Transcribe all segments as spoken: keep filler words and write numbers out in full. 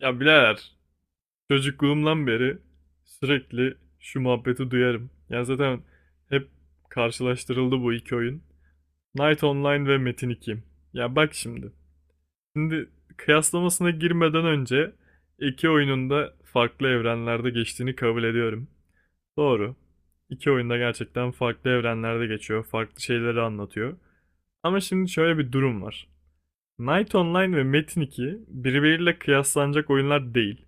Ya birader çocukluğumdan beri sürekli şu muhabbeti duyarım. Yani zaten hep karşılaştırıldı bu iki oyun. Knight Online ve Metin iki. Ya bak şimdi. Şimdi kıyaslamasına girmeden önce iki oyunun da farklı evrenlerde geçtiğini kabul ediyorum. Doğru. İki oyunda gerçekten farklı evrenlerde geçiyor. Farklı şeyleri anlatıyor. Ama şimdi şöyle bir durum var. Knight Online ve Metin iki birbiriyle kıyaslanacak oyunlar değil.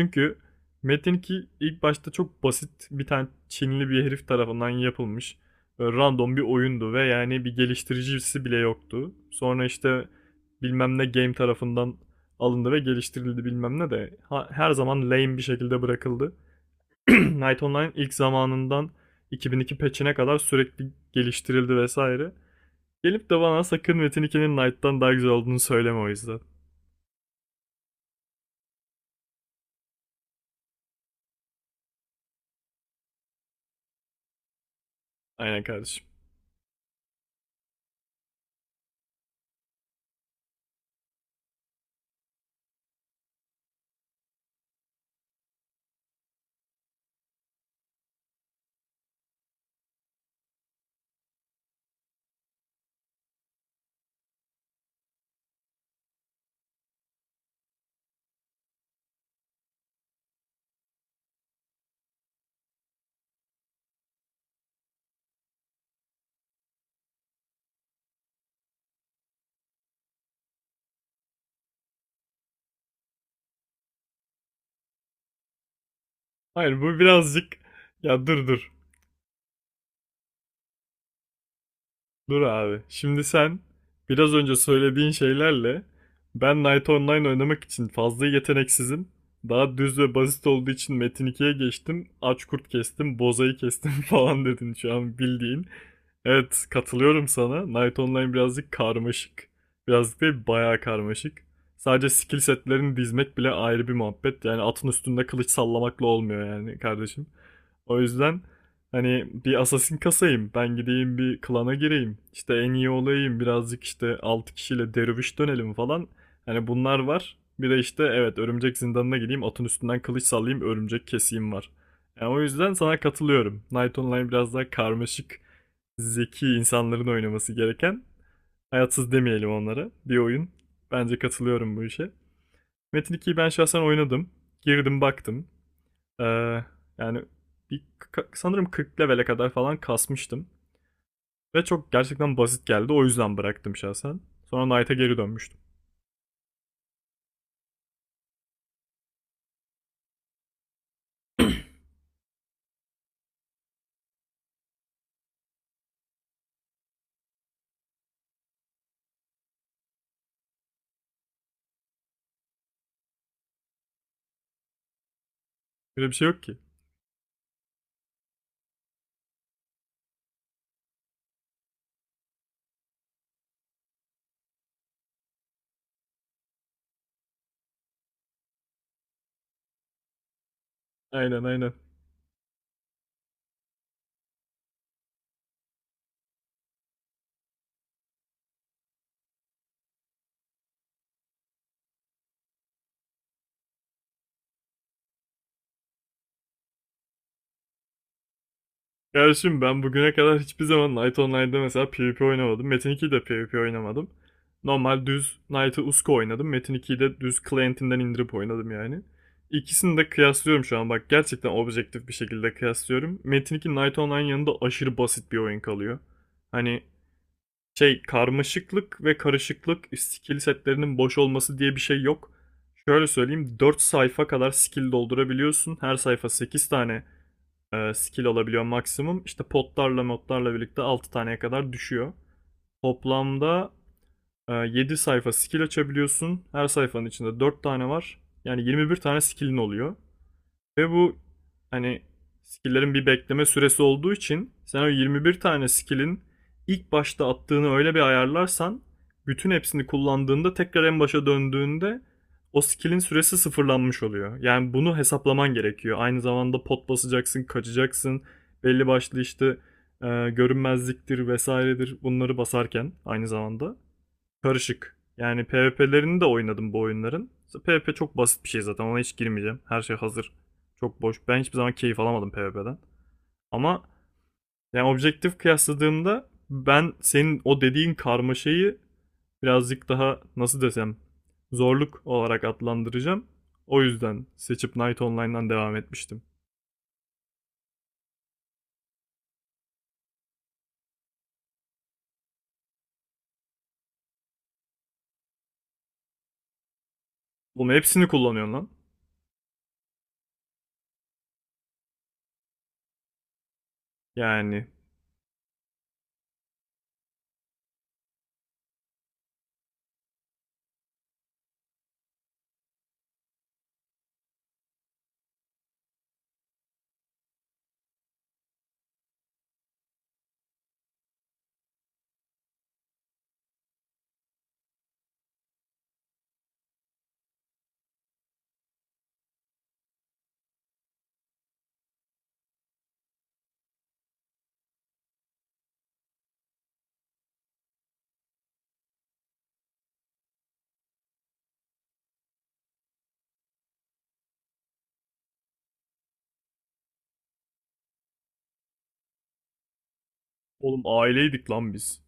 Çünkü Metin iki ilk başta çok basit bir tane Çinli bir herif tarafından yapılmış böyle random bir oyundu ve yani bir geliştiricisi bile yoktu. Sonra işte bilmem ne game tarafından alındı ve geliştirildi, bilmem ne de ha- her zaman lame bir şekilde bırakıldı. Night Online ilk zamanından iki bin iki patch'ine kadar sürekli geliştirildi vesaire. Gelip de bana sakın Metin ikinin Knight'tan daha güzel olduğunu söyleme o yüzden. Aynen kardeşim. Hayır, bu birazcık ya dur dur Dur abi. Şimdi sen biraz önce söylediğin şeylerle ben Night Online oynamak için fazla yeteneksizim. Daha düz ve basit olduğu için Metin ikiye geçtim. Aç kurt kestim, bozayı kestim falan dedin şu an bildiğin. Evet, katılıyorum sana. Knight Online birazcık karmaşık. Birazcık değil, bayağı karmaşık. Sadece skill setlerini dizmek bile ayrı bir muhabbet. Yani atın üstünde kılıç sallamakla olmuyor yani kardeşim. O yüzden hani bir assassin kasayım. Ben gideyim bir klana gireyim. İşte en iyi olayım. Birazcık işte altı kişiyle derviş dönelim falan. Hani bunlar var. Bir de işte evet, örümcek zindanına gideyim. Atın üstünden kılıç sallayayım. Örümcek keseyim var. Yani o yüzden sana katılıyorum. Knight Online biraz daha karmaşık, zeki insanların oynaması gereken, hayatsız demeyelim onlara, bir oyun. Bence katılıyorum bu işe. Metin ikiyi ben şahsen oynadım. Girdim baktım. Ee, Yani bir, sanırım kırk levele kadar falan kasmıştım. Ve çok gerçekten basit geldi. O yüzden bıraktım şahsen. Sonra Knight'a geri dönmüştüm. Böyle bir şey yok ki. Aynen, aynen. Ya şimdi ben bugüne kadar hiçbir zaman Night Online'da mesela PvP oynamadım. Metin ikide de PvP oynamadım. Normal düz Knight'ı Usko oynadım. Metin ikiyi de düz Client'inden indirip oynadım yani. İkisini de kıyaslıyorum şu an, bak, gerçekten objektif bir şekilde kıyaslıyorum. Metin iki Night Online yanında aşırı basit bir oyun kalıyor. Hani şey, karmaşıklık ve karışıklık, skill setlerinin boş olması diye bir şey yok. Şöyle söyleyeyim, dört sayfa kadar skill doldurabiliyorsun. Her sayfa sekiz tane e, skill olabiliyor maksimum. İşte potlarla modlarla birlikte altı taneye kadar düşüyor. Toplamda e, yedi sayfa skill açabiliyorsun. Her sayfanın içinde dört tane var. Yani yirmi bir tane skillin oluyor. Ve bu hani skill'lerin bir bekleme süresi olduğu için sen o yirmi bir tane skill'in ilk başta attığını öyle bir ayarlarsan bütün hepsini kullandığında tekrar en başa döndüğünde o skill'in süresi sıfırlanmış oluyor. Yani bunu hesaplaman gerekiyor. Aynı zamanda pot basacaksın, kaçacaksın. Belli başlı işte e, görünmezliktir vesairedir bunları basarken aynı zamanda karışık. Yani PvP'lerini de oynadım bu oyunların. PvP çok basit bir şey zaten. Ona hiç girmeyeceğim. Her şey hazır. Çok boş. Ben hiçbir zaman keyif alamadım PvP'den. Ama yani objektif kıyasladığımda ben senin o dediğin karmaşayı birazcık daha nasıl desem, zorluk olarak adlandıracağım. O yüzden seçip Night Online'dan devam etmiştim. Oğlum hepsini kullanıyorsun lan. Yani oğlum, aileydik lan biz.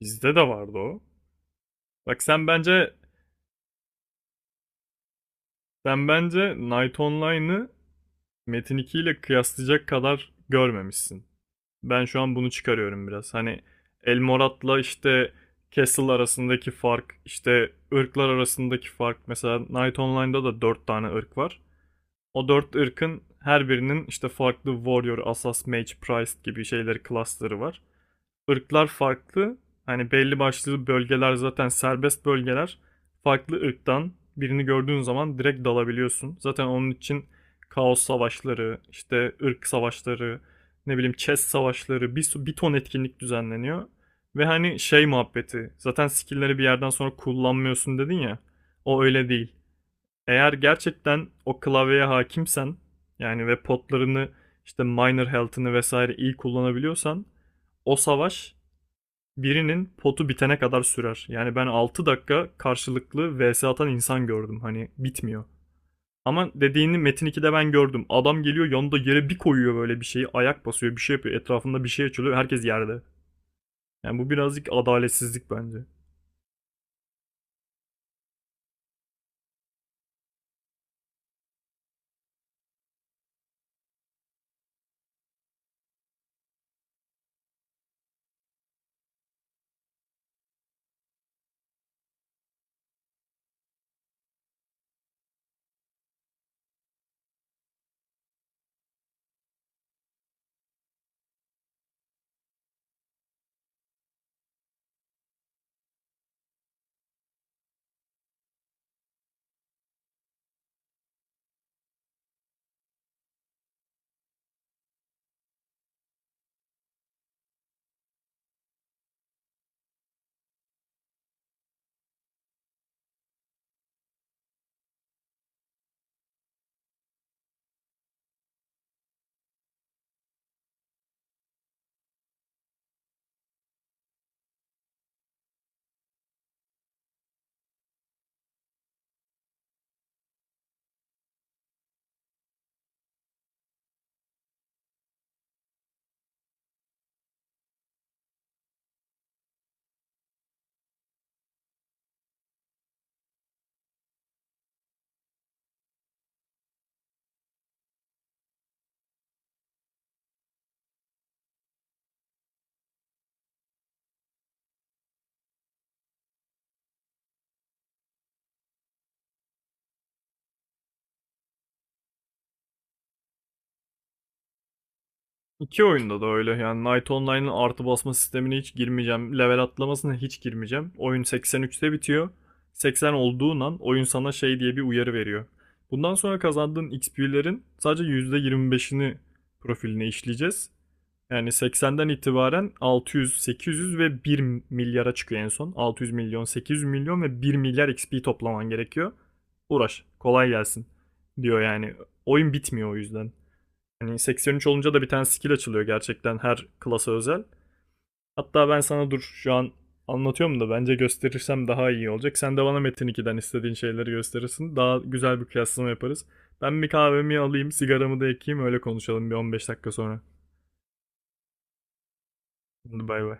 Bizde de vardı o. Bak sen bence sen bence Night Online'ı Metin iki ile kıyaslayacak kadar görmemişsin. Ben şu an bunu çıkarıyorum biraz. Hani Elmorat'la işte Castle arasındaki fark, işte ırklar arasındaki fark. Mesela Night Online'da da dört tane ırk var. O dört ırkın her birinin işte farklı Warrior, Assas, Mage, Priest gibi şeyleri, klasları var, ırklar farklı. Hani belli başlı bölgeler zaten serbest bölgeler. Farklı ırktan birini gördüğün zaman direkt dalabiliyorsun. Zaten onun için kaos savaşları, işte ırk savaşları, ne bileyim chess savaşları, bir, bir ton etkinlik düzenleniyor. Ve hani şey muhabbeti, zaten skill'leri bir yerden sonra kullanmıyorsun dedin ya. O öyle değil. Eğer gerçekten o klavyeye hakimsen, yani ve potlarını, işte minor health'ını vesaire iyi kullanabiliyorsan o savaş birinin potu bitene kadar sürer. Yani ben altı dakika karşılıklı vs atan insan gördüm. Hani bitmiyor. Ama dediğini Metin ikide ben gördüm. Adam geliyor yanında yere bir koyuyor böyle bir şeyi. Ayak basıyor, bir şey yapıyor. Etrafında bir şey açılıyor. Herkes yerde. Yani bu birazcık adaletsizlik bence. İki oyunda da öyle. Yani Knight Online'ın artı basma sistemine hiç girmeyeceğim. Level atlamasına hiç girmeyeceğim. Oyun seksen üçte bitiyor. seksen olduğundan oyun sana şey diye bir uyarı veriyor. Bundan sonra kazandığın X P'lerin sadece yüzde yirmi beşini profiline işleyeceğiz. Yani seksenden itibaren altı yüz, sekiz yüz ve bir milyara çıkıyor en son. altı yüz milyon, sekiz yüz milyon ve bir milyar X P toplaman gerekiyor. Uğraş, kolay gelsin diyor yani. Oyun bitmiyor o yüzden. Hani seksen üç olunca da bir tane skill açılıyor gerçekten, her klasa özel. Hatta ben sana dur şu an, anlatıyorum da bence gösterirsem daha iyi olacak. Sen de bana Metin ikiden istediğin şeyleri gösterirsin. Daha güzel bir kıyaslama yaparız. Ben bir kahvemi alayım, sigaramı da ekeyim, öyle konuşalım bir on beş dakika sonra. Hadi bay bay.